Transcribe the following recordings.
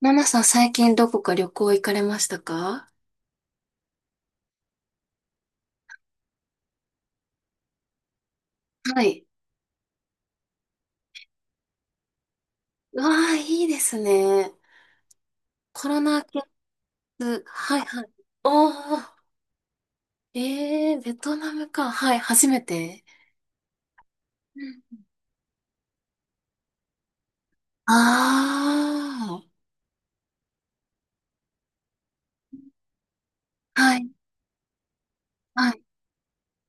ナナさん、最近どこか旅行行かれましたか？はい。わあ、いいですね。コロナ禍末、はいはい。おー、えー、ベトナムか。はい、初めて。ああー、はい、はい。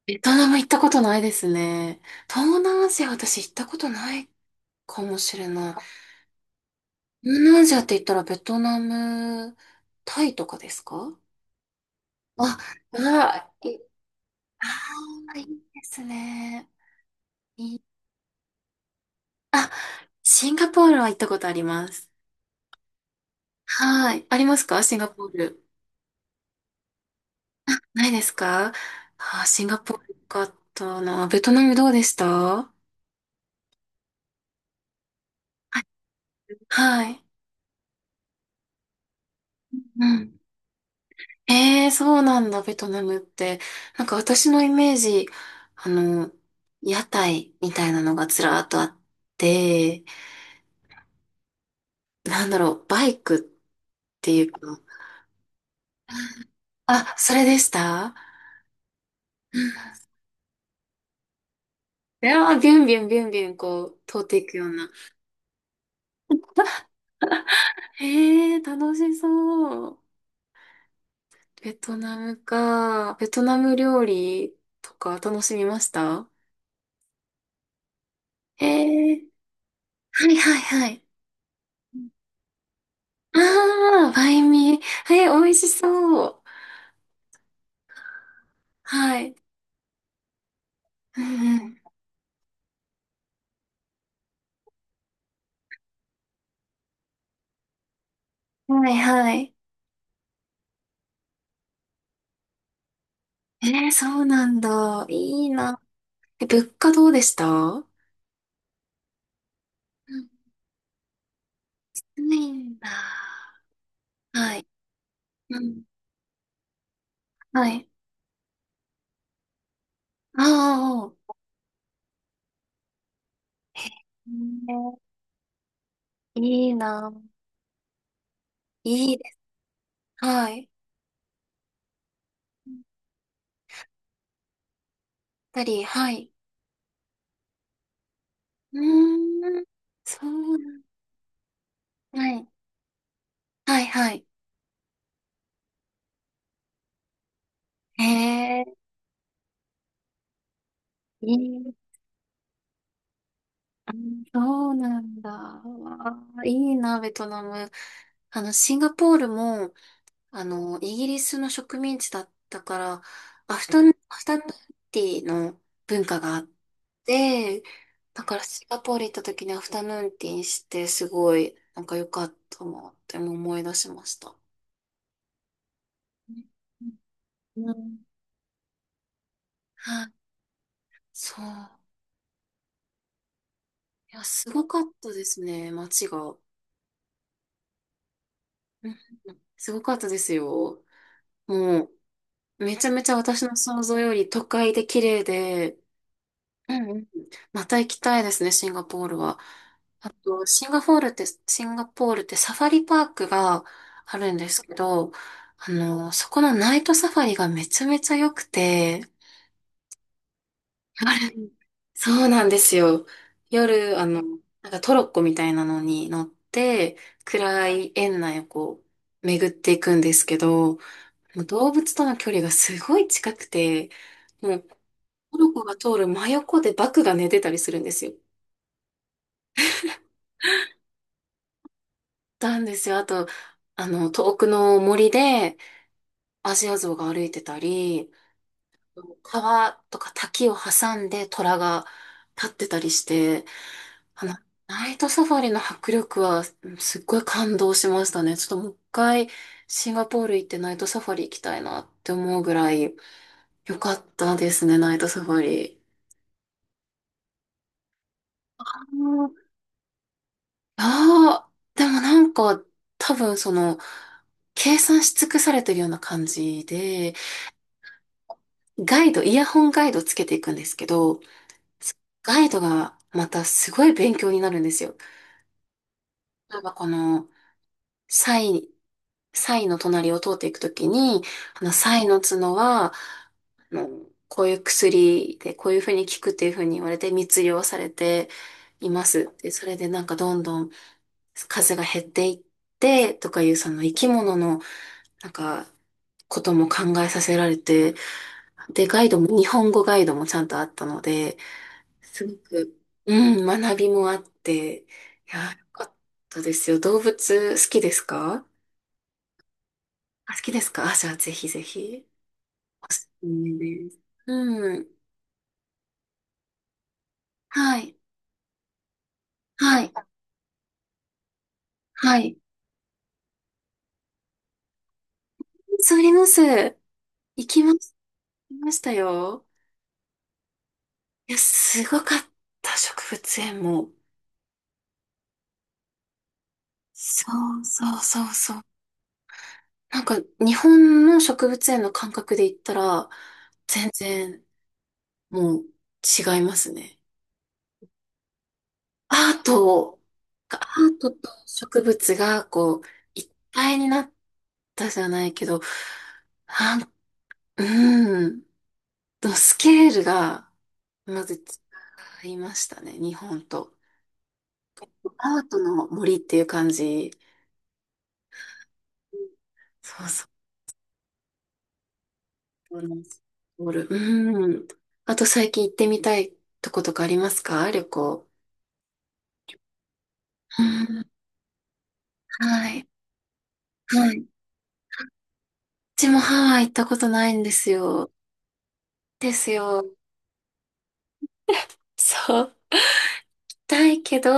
ベトナム行ったことないですね。東南アジア、私行ったことないかもしれない。東南アジアって言ったらベトナム、タイとかですか？あ、うわ、いあー、いいですね。いい、あ、シンガポールは行ったことあります。はい。ありますか、シンガポール。ないですか？あー、シンガポールよかったな。ベトナムどうでした？はい。はい。うん。ええー、そうなんだ、ベトナムって。なんか私のイメージ、あの、屋台みたいなのがずらーっとあって、なんだろう、バイクっていうか、あ、それでした？うん。いやー、ビュンビュンビュンビュンこう、通っていくような。へえー、楽しそう。ベトナムか。ベトナム料理とか楽しみました？えー、はいはいはい。ああ、バインミー。えー、美味しそう。はい。うんうん。はいはい。えー、そうなんだ。いいな。え、物価どうでした？うん。ないんだ。はい。うん。はい。ああ、へー、いいな。いいで、はい。やっぱり、はい。うーん。そうなんだ。はいはいはい。へえ、いい。あ、そうなんだ。わあ、いいな、ベトナム。あの、シンガポールも、あの、イギリスの植民地だったから、アフタヌーンティーの文化があって、だからシンガポール行った時にアフタヌーンティーにして、すごい、なんか良かったなって思い出しました。うん。はい、そう。いや、すごかったですね、街が。うん、すごかったですよ。もう、めちゃめちゃ私の想像より都会で綺麗で、うんうん。また行きたいですね、シンガポールは。あと、シンガポールってサファリパークがあるんですけど、あの、そこのナイトサファリがめちゃめちゃ良くて、あれ、そうなんですよ。夜、あの、なんかトロッコみたいなのに乗って、暗い園内をこう、巡っていくんですけど、もう動物との距離がすごい近くて、もう、トルコが通る真横でバクが寝てたりするんですよ。たんですよ。あと、あの、遠くの森でアジアゾウが歩いてたり、川とか滝を挟んで虎が立ってたりして、あの、ナイトサファリの迫力はうん、すっごい感動しましたね。ちょっともう一回シンガポール行ってナイトサファリ行きたいなって思うぐらい良かったですね、ナイトサファリ。ああ、でもなんか、多分その、計算し尽くされてるような感じで、ガイド、イヤホンガイドつけていくんですけど、ガイドがまたすごい勉強になるんですよ。例えばこの、サイ、サイの隣を通っていくときに、あの、サイの角は、あの、こういう薬で、こういうふうに効くっていうふうに言われて密漁されています。で、それでなんかどんどん数が減っていって、とかいうその生き物のなんか、ことも考えさせられて、で、ガイドも、日本語ガイドもちゃんとあったので、すごく、うん、学びもあって、いや、よかったですよ。動物好きですか？あ、好きですか？あ、じゃあぜひぜひ。おすすめです。うん。はい。はい。はい。そうあります。行きまし、行きましたよ。いや、すごかった、植物園も。そうそうそうそう。なんか日本の植物園の感覚で言ったら、全然もう違いますね。アートアートと植物がこう一体になったじゃないけど、なん、うん、のスケールがまず違いましたね、日本と。アートの森っていう感じ。そうそう。オる。ルうん。あと最近行ってみたいとことかありますか、旅行。うん。はい。はい。うちもハワイ行ったことないんですよ。ですよ。そう。だいけど、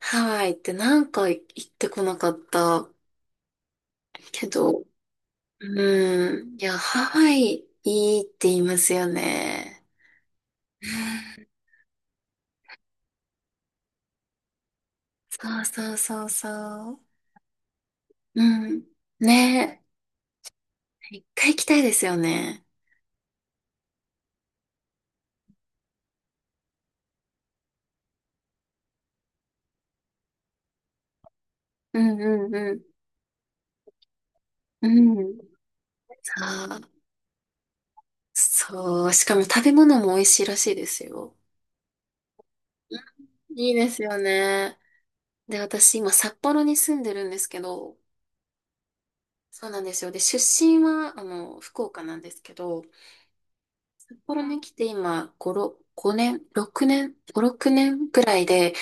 ハワイってなんか行ってこなかったけど。うん。いや、ハワイいいって言いますよね。うん。そうそうそうそう。うん。ねえ。一回行きたいですよね。うんうんうん。うん。さあ、そう。しかも食べ物も美味しいらしいですよ。うん、いいですよね。で、私今札幌に住んでるんですけど、そうなんですよ。で、出身は、あの、福岡なんですけど、札幌に来て今、5、6、5年、6年、5、6年くらいで、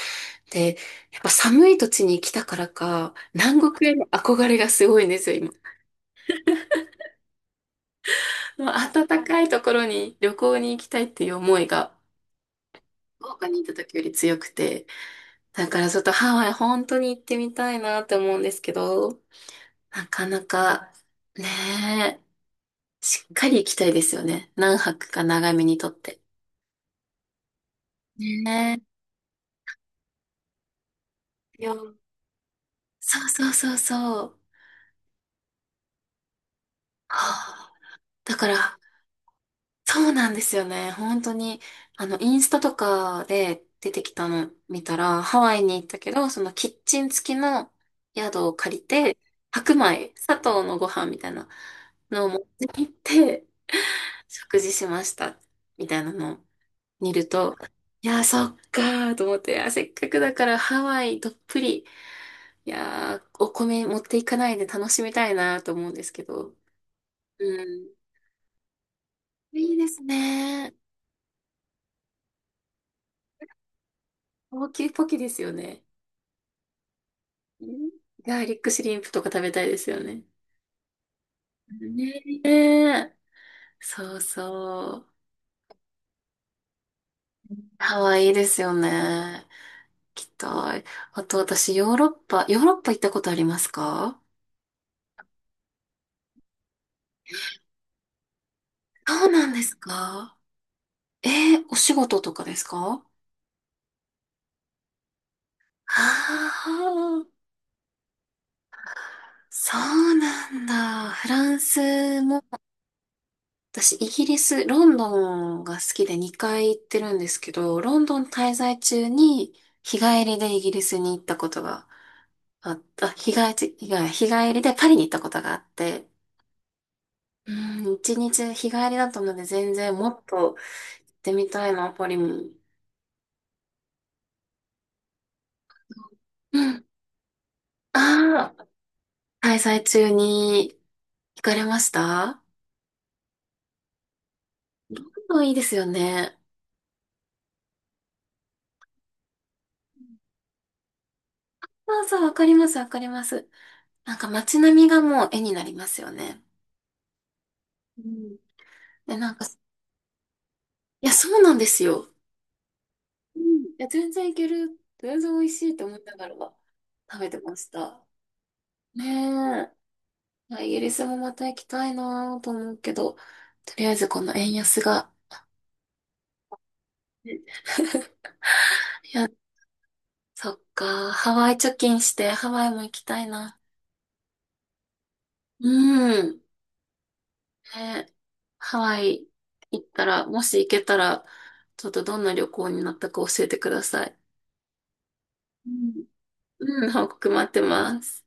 で、やっぱ寒い土地に来たからか、南国への憧れがすごいんですよ、今。もう暖かいところに旅行に行きたいっていう思いが、福岡に行った時より強くて、だからちょっとハワイ本当に行ってみたいなって思うんですけど、なかなか、ねえ。しっかり行きたいですよね。何泊か長めにとって。ねえ。よ、そうそうそうそう。はあ、だから、そうなんですよね。本当に、あの、インスタとかで出てきたの見たら、ハワイに行ったけど、そのキッチン付きの宿を借りて、白米、砂糖のご飯みたいなのを持って行って、食事しました。みたいなのを見ると、いや、そっかーと思って、あ、せっかくだからハワイどっぷり、いやー、お米持っていかないで楽しみたいなと思うんですけど。うん。いいですね。高級ポキですよね。うん、ガーリックシュリンプとか食べたいですよね。ねえ。そうそう。ハワイいいですよね。行きっと。あと私、ヨーロッパ行ったことありますか？そうなんですか？えー、お仕事とかですか？ああー、そうなんだ。フランスも私、イギリス、ロンドンが好きで2回行ってるんですけど、ロンドン滞在中に日帰りでイギリスに行ったことがあった、あ日帰りでパリに行ったことがあって、うん、一日日帰りだったので全然もっと行ってみたいな、パリも。うん。ああ、滞在中に行かれました？もういいですよね。そうそう、わかります、わかります。なんか街並みがもう絵になりますよね。うん。で、なんか、いや、そうなんですよ。うん。いや、全然いける。全然美味しいと思いながら食べてました。ねえ。いや、イギリスもまた行きたいなと思うけど、とりあえずこの円安が。ね いや、そっか。ハワイ貯金してハワイも行きたいな。うん。ねえ、ハワイ行ったら、もし行けたら、ちょっとどんな旅行になったか教えてください。うん。うん、報告待ってます。